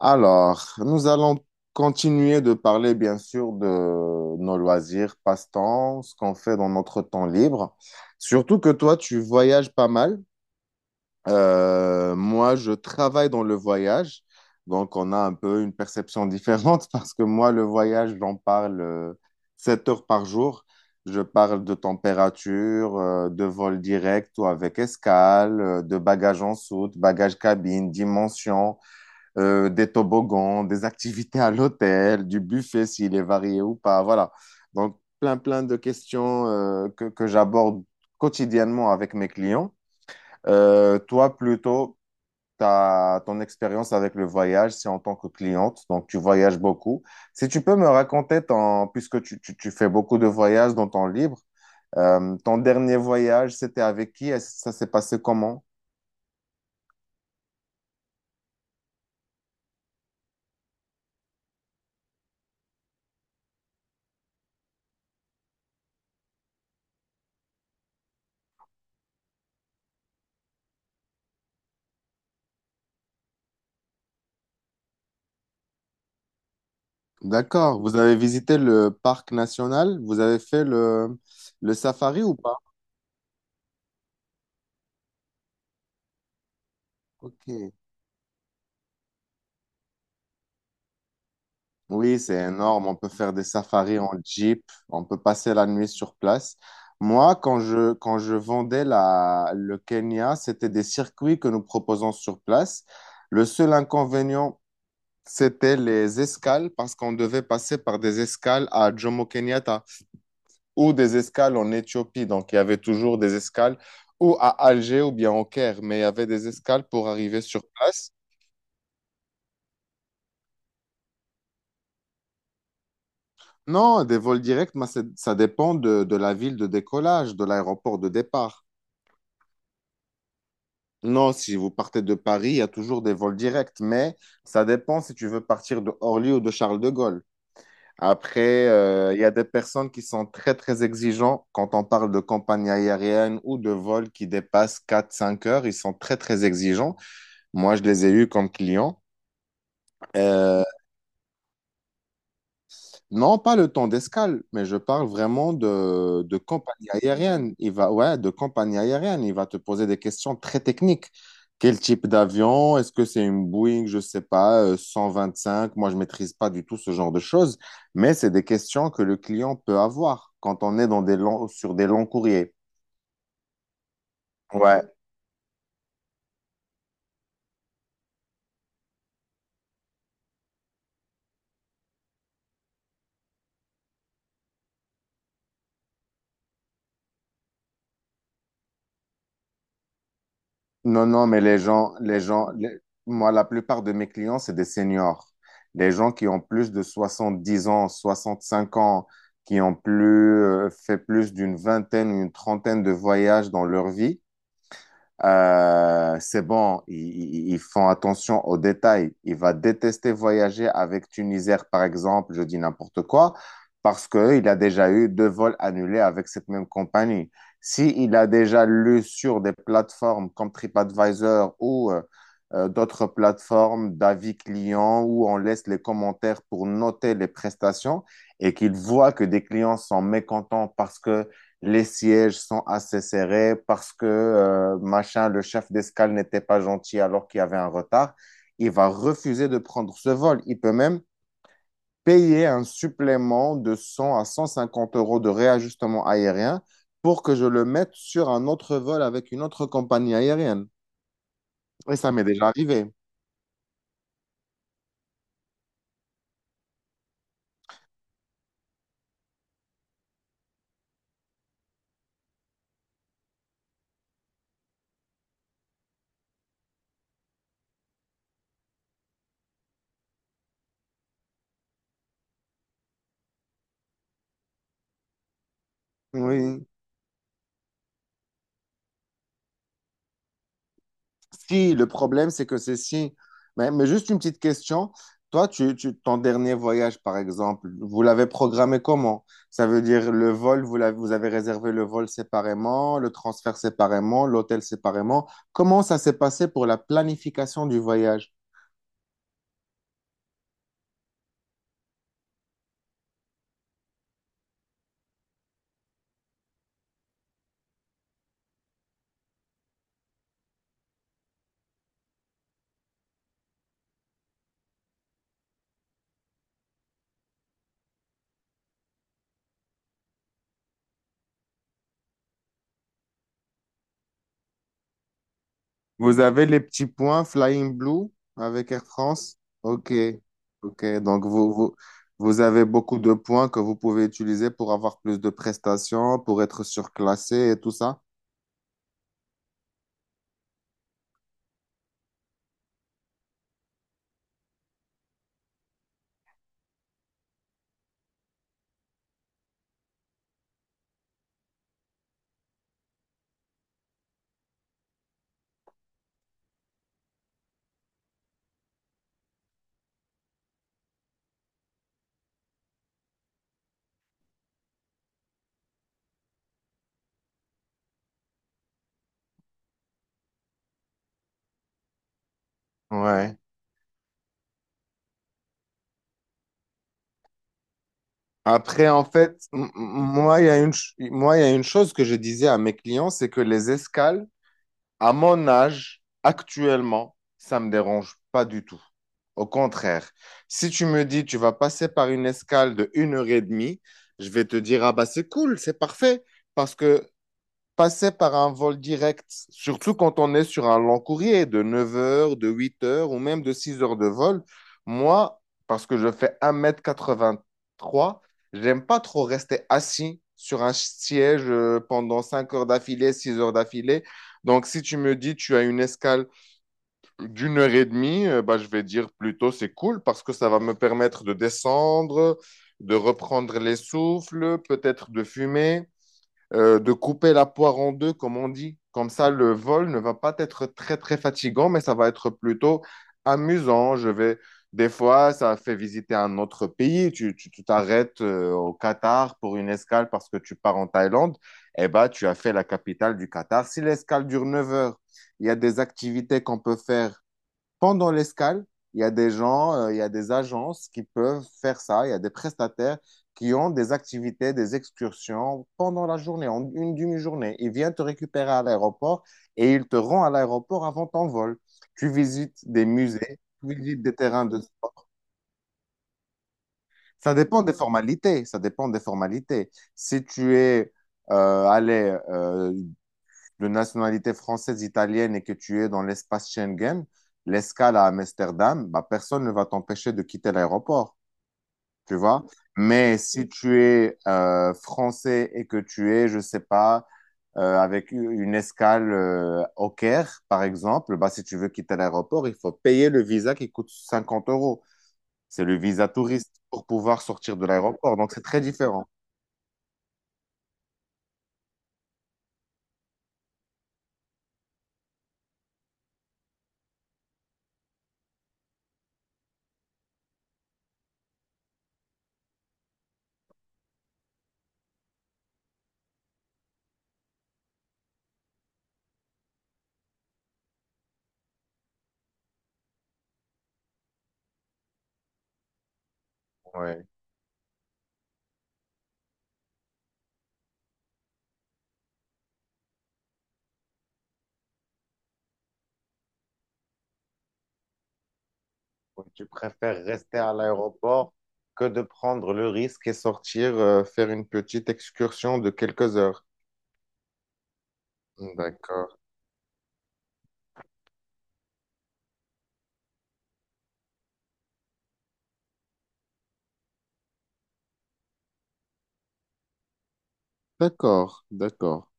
Alors, nous allons continuer de parler, bien sûr, de nos loisirs, passe-temps, ce qu'on fait dans notre temps libre. Surtout que toi, tu voyages pas mal. Moi, je travaille dans le voyage. Donc, on a un peu une perception différente parce que moi, le voyage, j'en parle 7 heures par jour. Je parle de température, de vol direct ou avec escale, de bagages en soute, bagages cabine, dimension des toboggans, des activités à l'hôtel, du buffet s'il est varié ou pas. Voilà. Donc, plein de questions que j'aborde quotidiennement avec mes clients. Toi, plutôt, ton expérience avec le voyage, c'est en tant que cliente, donc tu voyages beaucoup. Si tu peux me raconter, ton, puisque tu fais beaucoup de voyages dans ton livre, ton dernier voyage, c'était avec qui? Ça s'est passé comment? D'accord. Vous avez visité le parc national? Vous avez fait le safari ou pas? Ok. Oui, c'est énorme. On peut faire des safaris en jeep. On peut passer la nuit sur place. Moi, quand je vendais le Kenya, c'était des circuits que nous proposons sur place. Le seul inconvénient, c'était les escales parce qu'on devait passer par des escales à Jomo Kenyatta, ou des escales en Éthiopie. Donc, il y avait toujours des escales ou à Alger ou bien au Caire, mais il y avait des escales pour arriver sur place. Non, des vols directs, mais ça dépend de la ville de décollage, de l'aéroport de départ. Non, si vous partez de Paris, il y a toujours des vols directs, mais ça dépend si tu veux partir de Orly ou de Charles de Gaulle. Après, il y a des personnes qui sont très, très exigeants quand on parle de compagnie aérienne ou de vols qui dépassent 4 5 heures. Ils sont très, très exigeants. Moi, je les ai eus comme clients. Euh, non, pas le temps d'escale, mais je parle vraiment de compagnie aérienne. Il va, ouais, de compagnie aérienne. Il va te poser des questions très techniques. Quel type d'avion? Est-ce que c'est une Boeing, je sais pas, cinq. Moi, je maîtrise pas du tout ce genre de choses, mais c'est des questions que le client peut avoir quand on est dans des sur des longs courriers. Ouais. Non, non, mais les gens, moi, la plupart de mes clients, c'est des seniors. Des gens qui ont plus de 70 ans, 65 ans, qui ont plus, fait plus d'une vingtaine, une trentaine de voyages dans leur vie. C'est bon, ils font attention aux détails. Il va détester voyager avec Tunisair, par exemple, je dis n'importe quoi, parce qu'il a déjà eu 2 vols annulés avec cette même compagnie. S'il a déjà lu sur des plateformes comme TripAdvisor ou d'autres plateformes d'avis clients où on laisse les commentaires pour noter les prestations et qu'il voit que des clients sont mécontents parce que les sièges sont assez serrés parce que machin, le chef d'escale n'était pas gentil alors qu'il y avait un retard, il va refuser de prendre ce vol. Il peut même payer un supplément de 100 à 150 euros de réajustement aérien pour que je le mette sur un autre vol avec une autre compagnie aérienne. Et ça m'est déjà arrivé. Oui. Si, le problème, c'est que c'est si. Mais juste une petite question. Toi, ton dernier voyage, par exemple, vous l'avez programmé comment? Ça veut dire le vol, vous avez réservé le vol séparément, le transfert séparément, l'hôtel séparément. Comment ça s'est passé pour la planification du voyage? Vous avez les petits points Flying Blue avec Air France? Ok, ok. Donc, vous avez beaucoup de points que vous pouvez utiliser pour avoir plus de prestations, pour être surclassé et tout ça? Ouais. Après, en fait, moi, il y a une, il y a une chose que je disais à mes clients, c'est que les escales, à mon âge, actuellement, ça me dérange pas du tout. Au contraire, si tu me dis, tu vas passer par une escale de une heure et demie, je vais te dire, ah bah c'est cool, c'est parfait, parce que passer par un vol direct, surtout quand on est sur un long courrier de 9 heures, de 8 heures ou même de 6 heures de vol, moi, parce que je fais 1,83 m, j'aime pas trop rester assis sur un siège pendant 5 heures d'affilée, 6 heures d'affilée. Donc, si tu me dis tu as une escale d'une heure et demie, bah, je vais dire plutôt c'est cool parce que ça va me permettre de descendre, de reprendre les souffles, peut-être de fumer de couper la poire en deux, comme on dit. Comme ça, le vol ne va pas être très, très fatigant, mais ça va être plutôt amusant. Je vais, des fois, ça fait visiter un autre pays. Tu t'arrêtes au Qatar pour une escale parce que tu pars en Thaïlande. Eh ben, tu as fait la capitale du Qatar. Si l'escale dure 9 heures, il y a des activités qu'on peut faire pendant l'escale, il y a des gens, il y a des agences qui peuvent faire ça. Il y a des prestataires qui ont des activités, des excursions pendant la journée, en une demi-journée. Ils viennent te récupérer à l'aéroport et ils te rendent à l'aéroport avant ton vol. Tu visites des musées, tu visites des terrains de sport. Ça dépend des formalités. Ça dépend des formalités. Si tu es allé de nationalité française, italienne et que tu es dans l'espace Schengen, l'escale à Amsterdam, bah, personne ne va t'empêcher de quitter l'aéroport, tu vois. Mais si tu es français et que tu es, je sais pas, avec une escale au Caire, par exemple, bah, si tu veux quitter l'aéroport, il faut payer le visa qui coûte 50 euros. C'est le visa touriste pour pouvoir sortir de l'aéroport. Donc, c'est très différent. Ouais. Oui, tu préfères rester à l'aéroport que de prendre le risque et sortir faire une petite excursion de quelques heures. D'accord. D'accord, d'accord.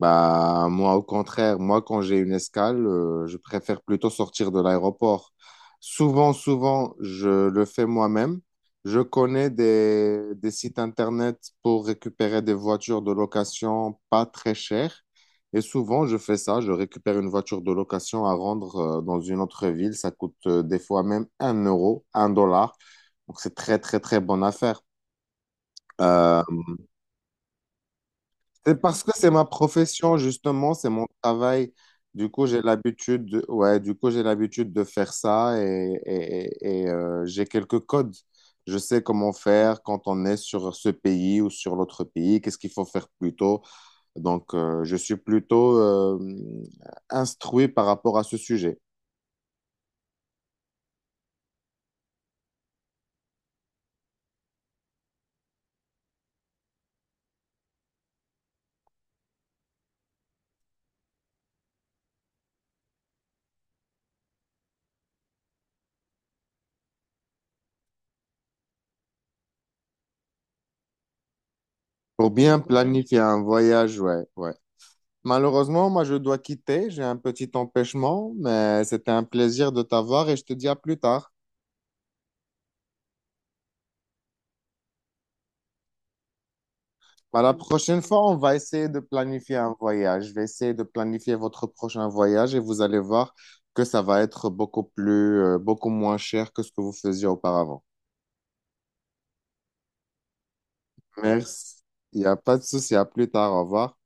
Bah, moi, au contraire, moi, quand j'ai une escale, je préfère plutôt sortir de l'aéroport. Souvent, souvent, je le fais moi-même. Je connais des sites internet pour récupérer des voitures de location pas très chères. Et souvent, je fais ça. Je récupère une voiture de location à rendre dans une autre ville. Ça coûte des fois même un euro, un dollar. Donc, c'est très, très, très bonne affaire. Euh, c'est parce que c'est ma profession, justement, c'est mon travail. Du coup, j'ai l'habitude de, ouais, du coup, j'ai l'habitude de faire ça et j'ai quelques codes. Je sais comment faire quand on est sur ce pays ou sur l'autre pays, qu'est-ce qu'il faut faire plutôt. Donc, je suis plutôt instruit par rapport à ce sujet. Pour bien planifier un voyage, ouais, ouais. Malheureusement, moi, je dois quitter. J'ai un petit empêchement, mais c'était un plaisir de t'avoir et je te dis à plus tard. Bah, la prochaine fois, on va essayer de planifier un voyage. Je vais essayer de planifier votre prochain voyage et vous allez voir que ça va être beaucoup plus, beaucoup moins cher que ce que vous faisiez auparavant. Merci. Il n'y a pas de souci. À plus tard. Au revoir.